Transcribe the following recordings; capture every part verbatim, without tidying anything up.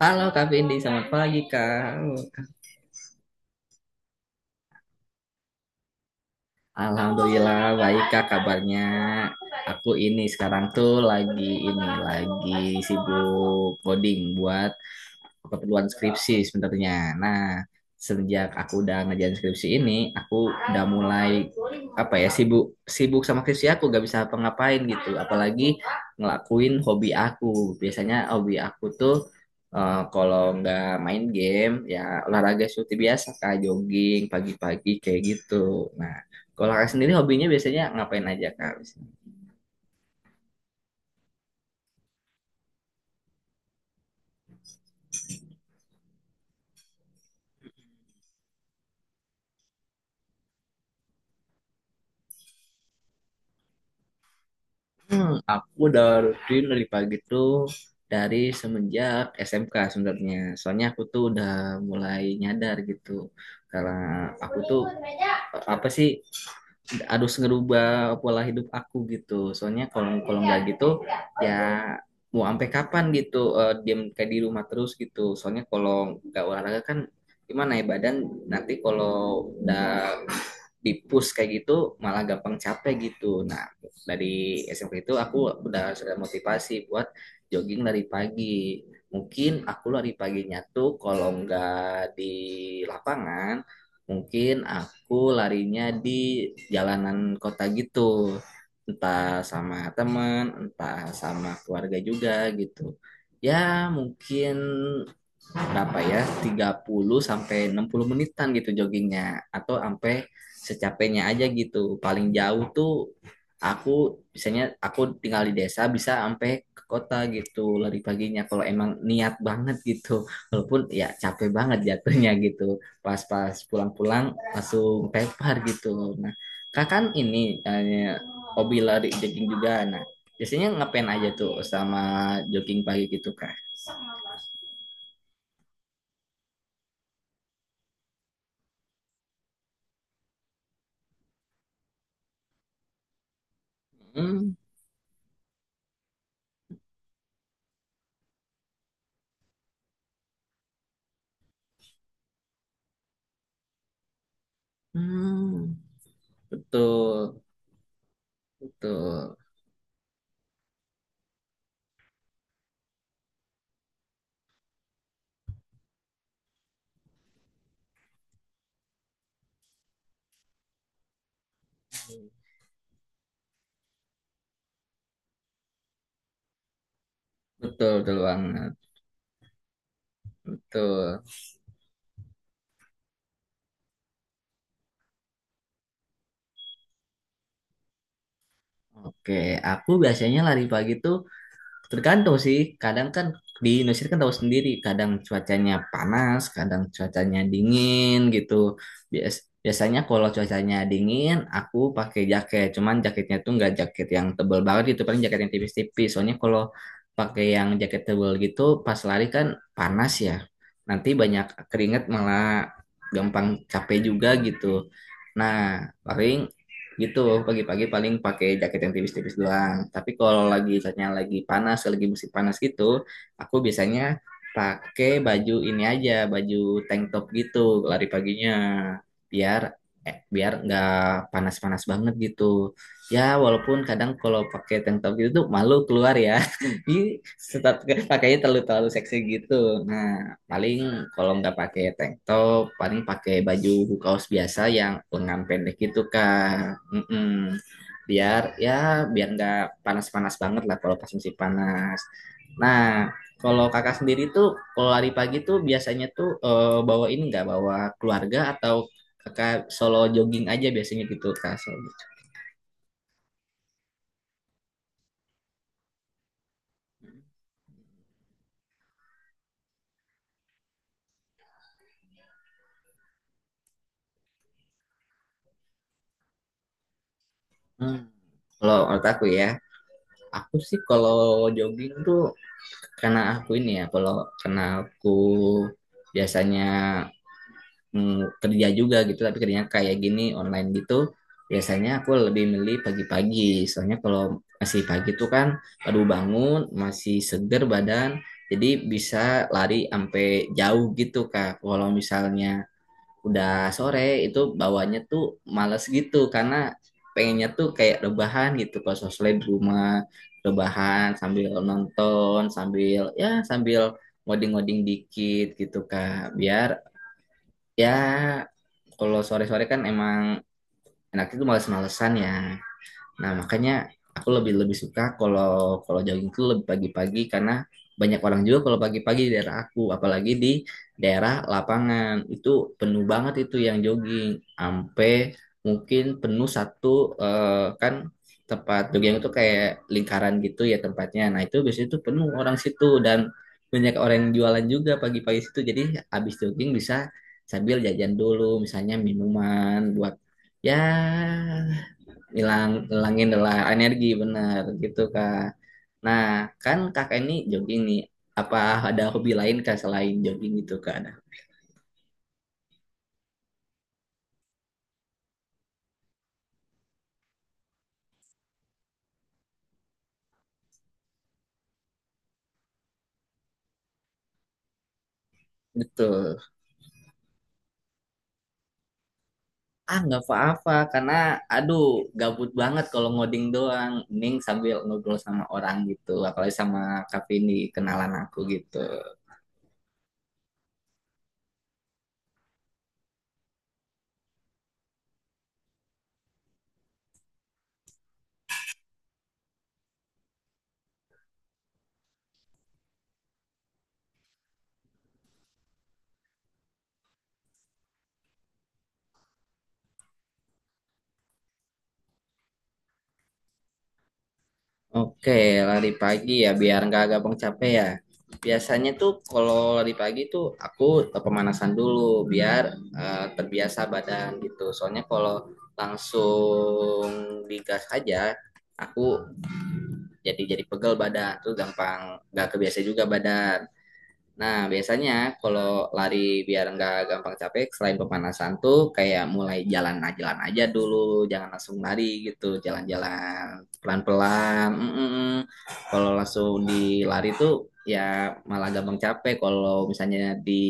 Halo Kak Vindi, selamat pagi Kak. Alhamdulillah baik Kak kabarnya. Aku ini sekarang tuh lagi ini lagi sibuk coding buat keperluan skripsi sebenarnya. Nah, sejak aku udah ngerjain skripsi ini, aku udah mulai apa ya sibuk sibuk sama skripsi aku gak bisa apa-ngapain gitu. Apalagi ngelakuin hobi aku. Biasanya hobi aku tuh eh, kalau nggak main game ya olahraga seperti biasa kayak jogging pagi-pagi kayak gitu. Nah, kalau kakak sendiri hobinya biasanya ngapain aja kak? Hmm, aku udah rutin dari pagi tuh dari semenjak S M K sebenarnya. Soalnya aku tuh udah mulai nyadar gitu. Karena aku tuh apa sih harus ngerubah pola hidup aku gitu. Soalnya kalau kalau nggak gitu ya mau sampai kapan gitu eh, diam kayak di rumah terus gitu, soalnya kalau nggak olahraga kan gimana ya badan nanti kalau udah dipus kayak gitu malah gampang capek gitu. Nah, dari S M P itu aku udah sudah motivasi buat jogging dari pagi. Mungkin aku lari paginya tuh kalau nggak di lapangan, mungkin aku larinya di jalanan kota gitu, entah sama teman, entah sama keluarga juga gitu. Ya mungkin berapa ya tiga puluh sampai enam puluh menitan gitu joggingnya, atau sampai secapeknya aja gitu. Paling jauh tuh aku biasanya aku tinggal di desa bisa sampai ke kota gitu lari paginya kalau emang niat banget gitu, walaupun ya capek banget jatuhnya gitu, pas-pas pulang-pulang langsung tepar gitu. Nah, kak kan ini eh, hobi lari jogging juga. Nah, biasanya ngapain aja tuh sama jogging pagi gitu kak? Hmm. Hmm. Betul, betul, betul, betul banget, betul. Oke, aku biasanya lari pagi tuh tergantung sih, kadang kan di Indonesia kan tahu sendiri, kadang cuacanya panas, kadang cuacanya dingin gitu. Bias biasanya kalau cuacanya dingin, aku pakai jaket. Cuman jaketnya tuh nggak jaket yang tebel banget gitu, paling jaket yang tipis-tipis. Soalnya kalau pakai yang jaket tebel gitu, pas lari kan panas ya. Nanti banyak keringat malah gampang capek juga gitu. Nah, paling gitu pagi-pagi paling pakai jaket yang tipis-tipis doang, tapi kalau lagi misalnya lagi panas lagi musim panas gitu aku biasanya pakai baju ini aja, baju tank top gitu lari paginya biar eh, biar nggak panas-panas banget gitu. Ya walaupun kadang kalau pakai tank top gitu tuh malu keluar ya. Ini tetap pakainya terlalu terlalu seksi gitu. Nah, paling kalau nggak pakai tank top, paling pakai baju kaos biasa yang lengan pendek gitu Kak. Mm-mm. Biar ya biar nggak panas-panas banget lah kalau pas musim panas. Nah, kalau kakak sendiri tuh kalau lari pagi tuh biasanya tuh eh, bawa ini nggak, bawa keluarga atau kakak solo jogging aja biasanya gitu Kak? Solo- Hmm. Kalau menurut aku ya, aku sih kalau jogging tuh karena aku ini ya kalau karena aku biasanya mm, kerja juga gitu, tapi kerjanya kayak gini online gitu. Biasanya aku lebih milih pagi-pagi, soalnya kalau masih pagi tuh kan baru bangun, masih seger badan, jadi bisa lari sampai jauh gitu Kak. Kalau misalnya udah sore itu bawanya tuh males gitu karena pengennya tuh kayak rebahan gitu kalau sosmed di rumah, rebahan sambil nonton sambil ya sambil ngoding-ngoding dikit gitu Kak. Biar ya kalau sore-sore kan emang enak itu males-malesan ya. Nah, makanya aku lebih lebih suka kalau kalau jogging itu lebih pagi-pagi karena banyak orang juga kalau pagi-pagi di daerah aku, apalagi di daerah lapangan. Itu penuh banget itu yang jogging. Sampai mungkin penuh satu eh, kan tempat jogging itu kayak lingkaran gitu ya tempatnya. Nah, itu biasanya itu penuh orang situ dan banyak orang yang jualan juga pagi-pagi situ. Jadi habis jogging bisa sambil jajan dulu misalnya minuman buat ya hilang hilangin lelah energi benar gitu kak. Nah, kan kakak ini jogging nih, apa ada hobi lain kak selain jogging gitu kak, ada? Betul. Ah, nggak apa-apa karena aduh gabut banget kalau ngoding doang, mending sambil ngobrol sama orang gitu, apalagi sama kak ini, kenalan aku gitu. Oke, lari pagi ya biar nggak gampang capek ya. Biasanya tuh kalau lari pagi tuh aku pemanasan dulu biar eh, terbiasa badan gitu. Soalnya kalau langsung digas aja aku jadi jadi pegel badan tuh gampang nggak kebiasa juga badan. Nah, biasanya kalau lari biar nggak gampang capek, selain pemanasan tuh kayak mulai jalan jalan aja dulu, jangan langsung lari gitu, jalan-jalan pelan-pelan. Mm-mm. Kalau langsung di lari tuh ya malah gampang capek. Kalau misalnya di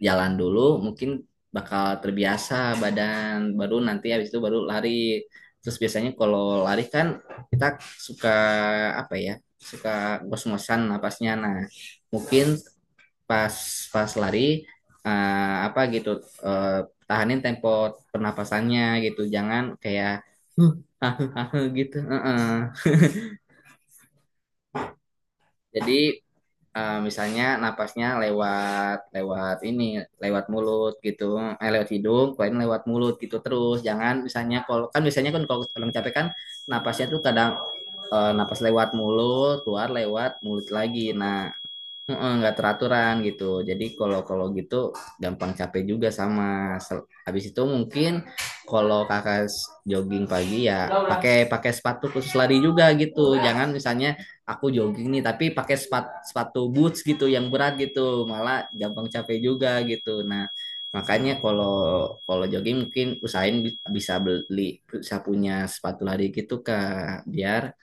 jalan dulu, mungkin bakal terbiasa badan, baru nanti habis itu baru lari. Terus biasanya kalau lari kan kita suka apa ya? Suka ngos-ngosan napasnya. Nah, mungkin pas pas lari eh, apa gitu eh, tahanin tempo pernapasannya gitu, jangan kayak huh, huh, huh, huh, gitu. Heeh. Jadi eh, misalnya napasnya lewat lewat ini lewat mulut gitu, eh, lewat hidung keluarin lewat mulut gitu. Terus jangan misalnya kalau kan biasanya kan kalau orang capek kan napasnya tuh kadang eh, napas lewat mulut keluar lewat mulut lagi. Nah, heeh, nggak teraturan gitu. Jadi kalau kalau gitu gampang capek juga sama. Sel- Habis itu mungkin kalau kakak s- jogging pagi ya pakai pakai sepatu khusus lari juga gitu. Jangan misalnya aku jogging nih tapi pakai sepatu sepatu boots gitu yang berat gitu, malah gampang capek juga gitu. Nah, makanya kalau kalau jogging mungkin usahain bi- bisa beli bisa punya sepatu lari gitu Kak, biar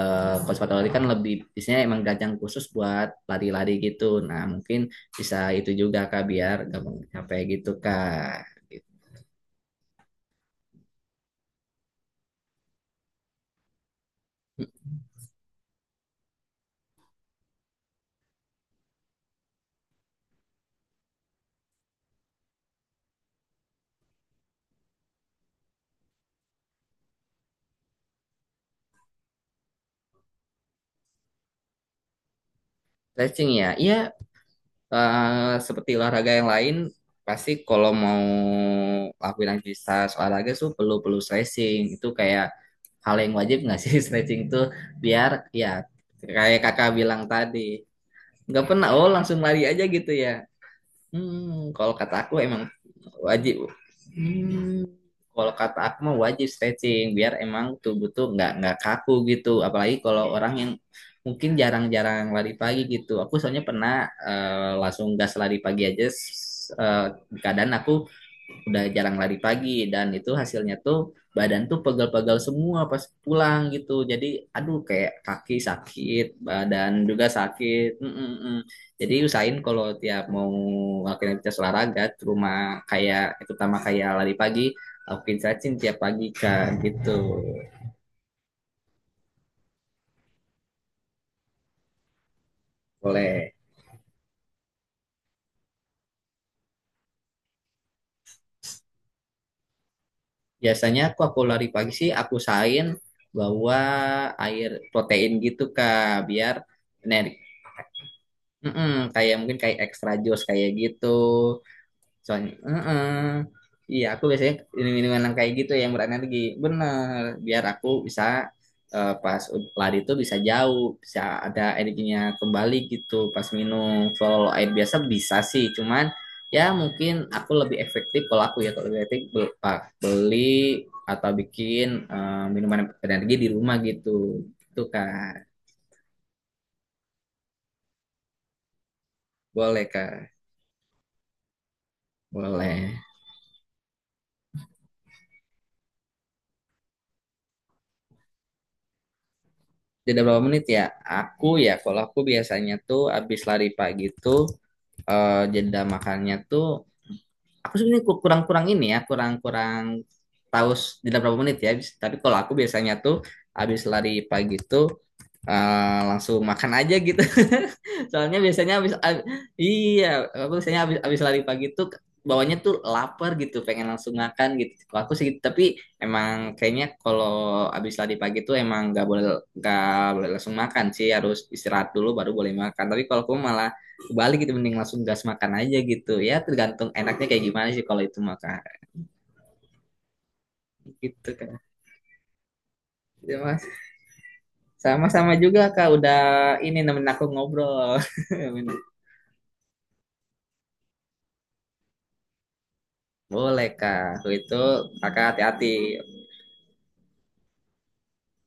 eh konservatori kan lebih biasanya emang gajang khusus buat lari-lari gitu. Nah, mungkin bisa itu juga Kak biar gampang capek gitu Kak. Gitu. Stretching ya. Iya, eh, seperti olahraga yang lain pasti kalau mau lakuin aktivitas olahraga tuh perlu perlu stretching. Itu kayak hal yang wajib nggak sih stretching tuh biar ya kayak Kakak bilang tadi. Nggak pernah, oh langsung lari aja gitu ya. Hmm, kalau kata aku emang wajib. Hmm, kalau kata aku mah wajib stretching biar emang tubuh tuh nggak nggak kaku gitu. Apalagi kalau orang yang mungkin jarang-jarang lari pagi gitu. Aku soalnya pernah eh, langsung gas lari pagi aja. S- eh, kadang aku udah jarang lari pagi dan itu hasilnya tuh badan tuh pegal-pegal semua pas pulang gitu. Jadi aduh kayak kaki sakit badan juga sakit. Mm-mm-mm. Jadi usahain kalau tiap mau ngelakuin aktivitas olahraga cuma kayak terutama kayak lari pagi lakuin stretching tiap pagi kak gitu. Boleh. Biasanya aku aku lari pagi sih aku usahain bawa air protein gitu kak biar energi. Mm-mm, kayak mungkin kayak extra jus kayak gitu. Soalnya, heeh. Iya, aku biasanya minum-minuman yang kayak gitu yang berenergi. Bener, biar aku bisa eh, pas ud- lari tuh bisa jauh, bisa ada energinya kembali gitu pas minum. Kalau air biasa bisa sih, cuman ya mungkin aku lebih efektif kalau aku ya kalau lebih efektif be- pa- beli atau bikin eh, minuman energi di rumah gitu. Itu Kak. Boleh Kak. Boleh. Tidak berapa menit ya? Aku ya kalau aku biasanya tuh abis lari pagi tuh eh, jeda makannya tuh aku sebenarnya ku- kurang-kurang ini ya kurang-kurang tahu s- jeda berapa menit ya. Bis- tapi kalau aku biasanya tuh habis lari pagi tuh eh, langsung makan aja gitu. Soalnya biasanya habis ab- iya, aku biasanya habis habis lari pagi tuh bawanya tuh lapar gitu, pengen langsung makan gitu. Kalau aku sih gitu, tapi emang kayaknya kalau habis lari pagi tuh emang nggak boleh nggak boleh langsung makan sih, harus istirahat dulu baru boleh makan. Tapi kalau aku malah kebalik gitu, mending langsung gas makan aja gitu. Ya tergantung enaknya kayak gimana sih kalau itu makan gitu kan. Ya, Mas. Sama-sama juga Kak udah ini nemenin aku ngobrol. Boleh, Kak. Kalau itu kakak hati-hati.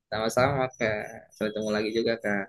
Sama-sama, Kak. Sampai ketemu lagi juga, Kak.